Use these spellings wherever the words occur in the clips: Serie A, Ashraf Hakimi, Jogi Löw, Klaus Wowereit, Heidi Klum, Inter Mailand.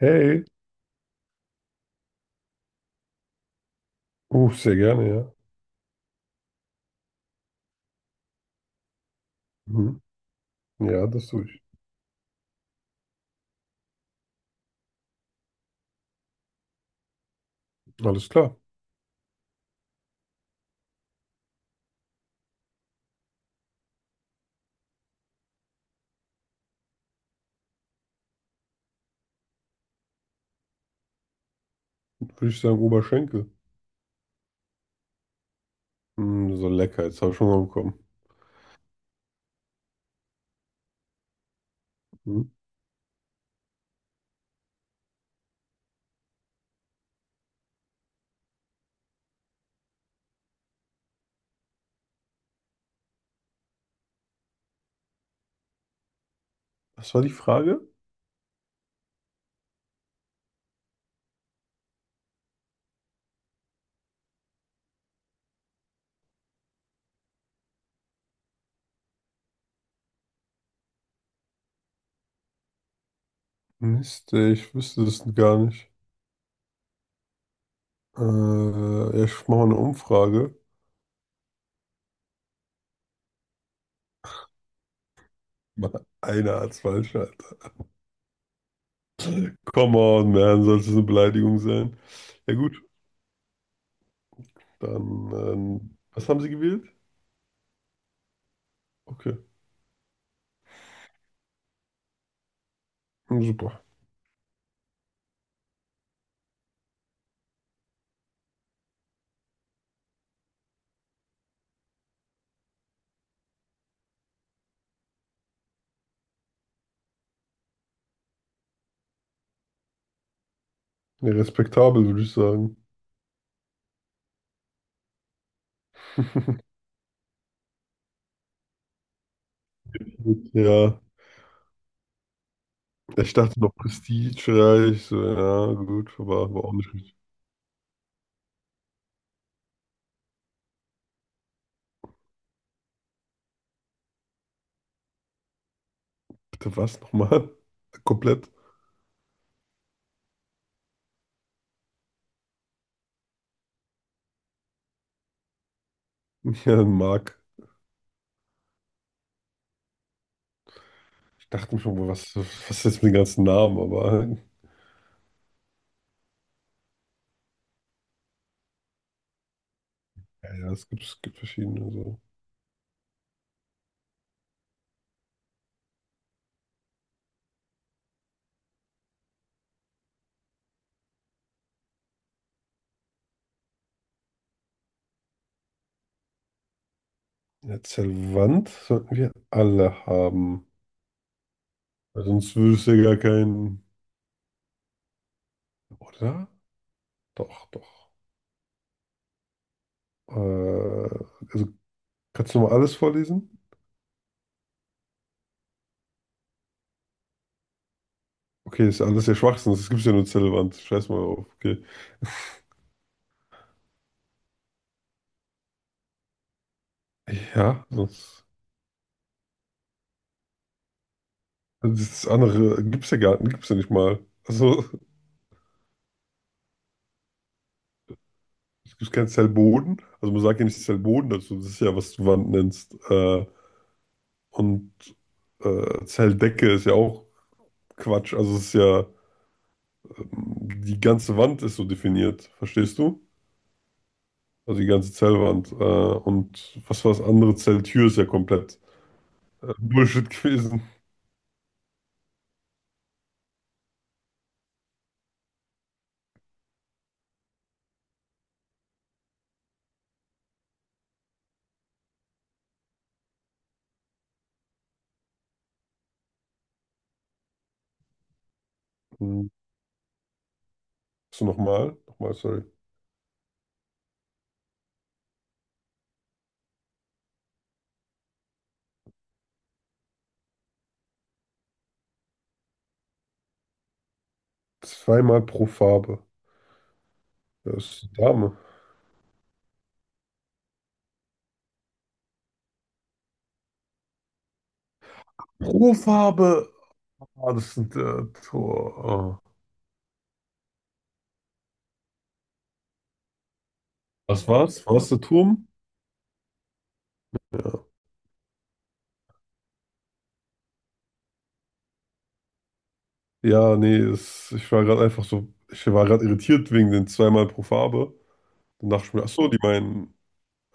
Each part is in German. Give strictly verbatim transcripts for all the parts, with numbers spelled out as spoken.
Hey, uh, sehr gerne, ja. Mhm. Ja, das tue ich. Alles klar. Würde ich sagen, Oberschenkel. Mm, so lecker, jetzt habe ich Hunger bekommen. Mhm. Was war die Frage? Mist, ey, ich wüsste das gar nicht. Äh, ja, ich mache mal eine Umfrage. Mann, einer hat's falsch, Alter. Come on, man, soll es eine Beleidigung sein? Ja, gut, dann, ähm, was haben Sie gewählt? Okay, super. Ja, respektabel, würde ich sagen. Ja, ich dachte noch Prestige. So, ja, gut, aber war auch nicht richtig. Bitte was nochmal? Komplett? Ja, Mark. Ich dachte mir schon, boah, was, was ist jetzt mit den ganzen Namen? Aber ja, ja, es gibt, es gibt verschiedene. So. Ja, Zelvant sollten wir alle haben. Weil sonst würdest du ja gar keinen. Oder? Doch, doch. Äh, also kannst du mal alles vorlesen? Okay, ist ja alles ja Schwachsinn. Das gibt ja nur Zellwand. Scheiß mal auf. Okay. Ja, sonst. Also das andere gibt's ja gar gibt's ja nicht mal. Also, es gibt keinen Zellboden. Also, man sagt ja nicht Zellboden dazu. Das ist ja, was du Wand nennst. Äh, und äh, Zelldecke ist ja auch Quatsch. Also, es ist ja, ähm, die ganze Wand ist so definiert. Verstehst du? Also, die ganze Zellwand. Äh, und was war das andere? Zelltür ist ja komplett äh, Bullshit gewesen. Hm. Hast du nochmal? Nochmal, sorry. Zweimal pro Farbe. Das ist eine Dame. Pro Farbe. Ah, das sind äh, Tor. Ah. Was war's? War's der Turm? Ja. Ja, nee, es, ich war gerade einfach so, ich war gerade irritiert wegen den zweimal pro Farbe. Dann dachte ich mir, ach so, die meinen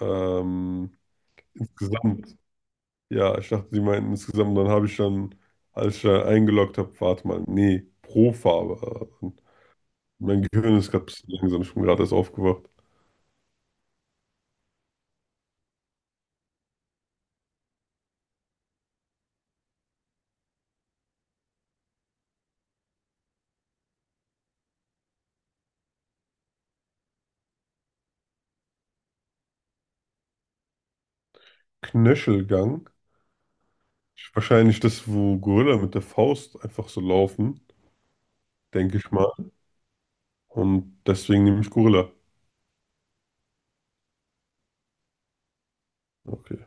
ähm, insgesamt. Ja, ich dachte, die meinen insgesamt. Und dann habe ich dann, als ich dann eingeloggt habe, warte mal, nee, pro Farbe. Und mein Gehirn ist gerade ein bisschen langsam, ich bin gerade erst aufgewacht. Knöchelgang. Wahrscheinlich das, wo Gorilla mit der Faust einfach so laufen, denke ich mal. Und deswegen nehme ich Gorilla. Okay.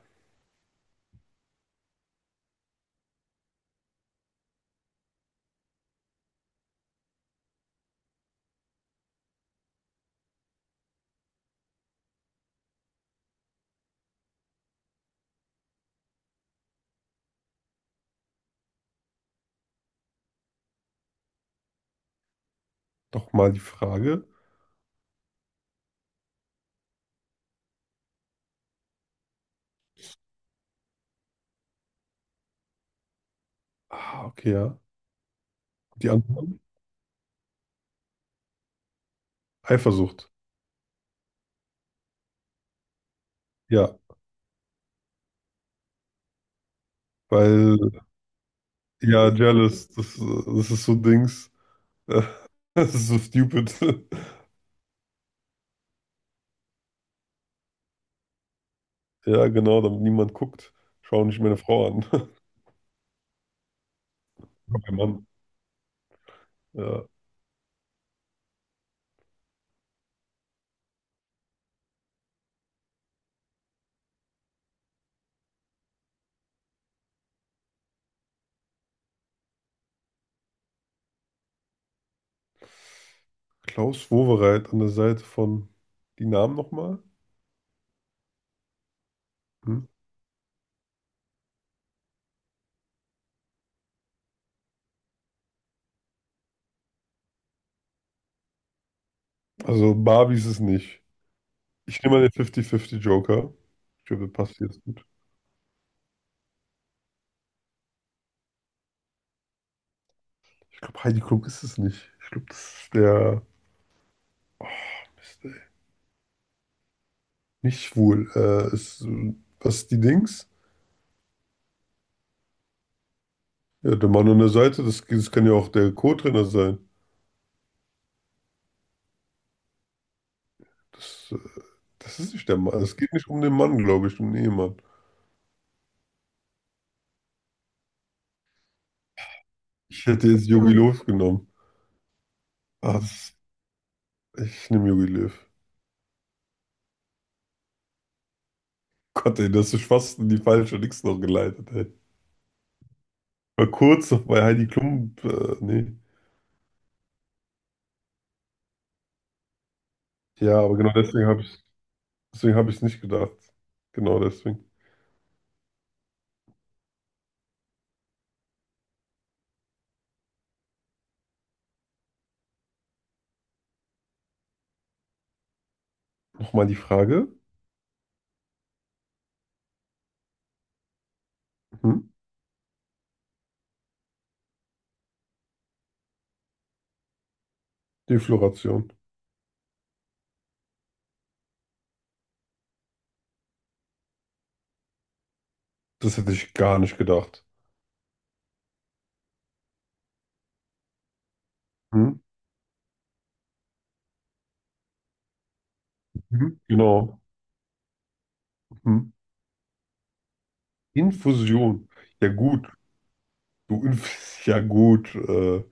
Doch mal die Frage. Ah, okay, ja. Die anderen? Eifersucht. Ja, weil, ja, jealous, das, äh, das ist so Dings. Äh, das ist so stupid. Ja, genau, damit niemand guckt. Schau nicht meine Frau an. Mein Mann. Ja. Klaus Wowereit an der Seite von, die Namen nochmal? Hm? Also, Barbie ist es nicht. Ich nehme mal den fünfzig fünfzig Joker. Ich glaube, der passt jetzt gut. Ich glaube, Heidi Klum ist es nicht. Ich glaube, das ist der, ist der nicht schwul. Äh, ist, äh, was ist die Dings? Ja, der Mann an der Seite, das, das kann ja auch der Co-Trainer sein. Das, äh, das ist nicht der Mann. Es geht nicht um den Mann, glaube ich, um den Ehemann. Ich hätte jetzt Jogi Hm. Löw genommen. Ah, das, ich nehme Jogi Löw. Oh Gott, ey, das ist fast in die falsche Dings noch geleitet, ey. War kurz noch bei Heidi Klum, äh, nee. Ja, aber genau deswegen habe ich, deswegen habe ich es nicht gedacht. Genau deswegen. Nochmal die Frage. Hm? Defloration. Das hätte ich gar nicht gedacht. Hm? Mhm. Genau. Mhm. Infusion. Ja gut, Du, Inf- ja gut, äh,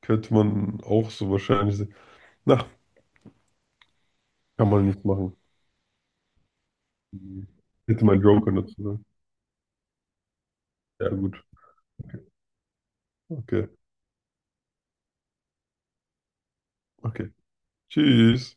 könnte man auch so wahrscheinlich sehen. Na, kann man nicht machen. Hätte mein Joker dazu sagen. Ja gut, okay, okay. Tschüss.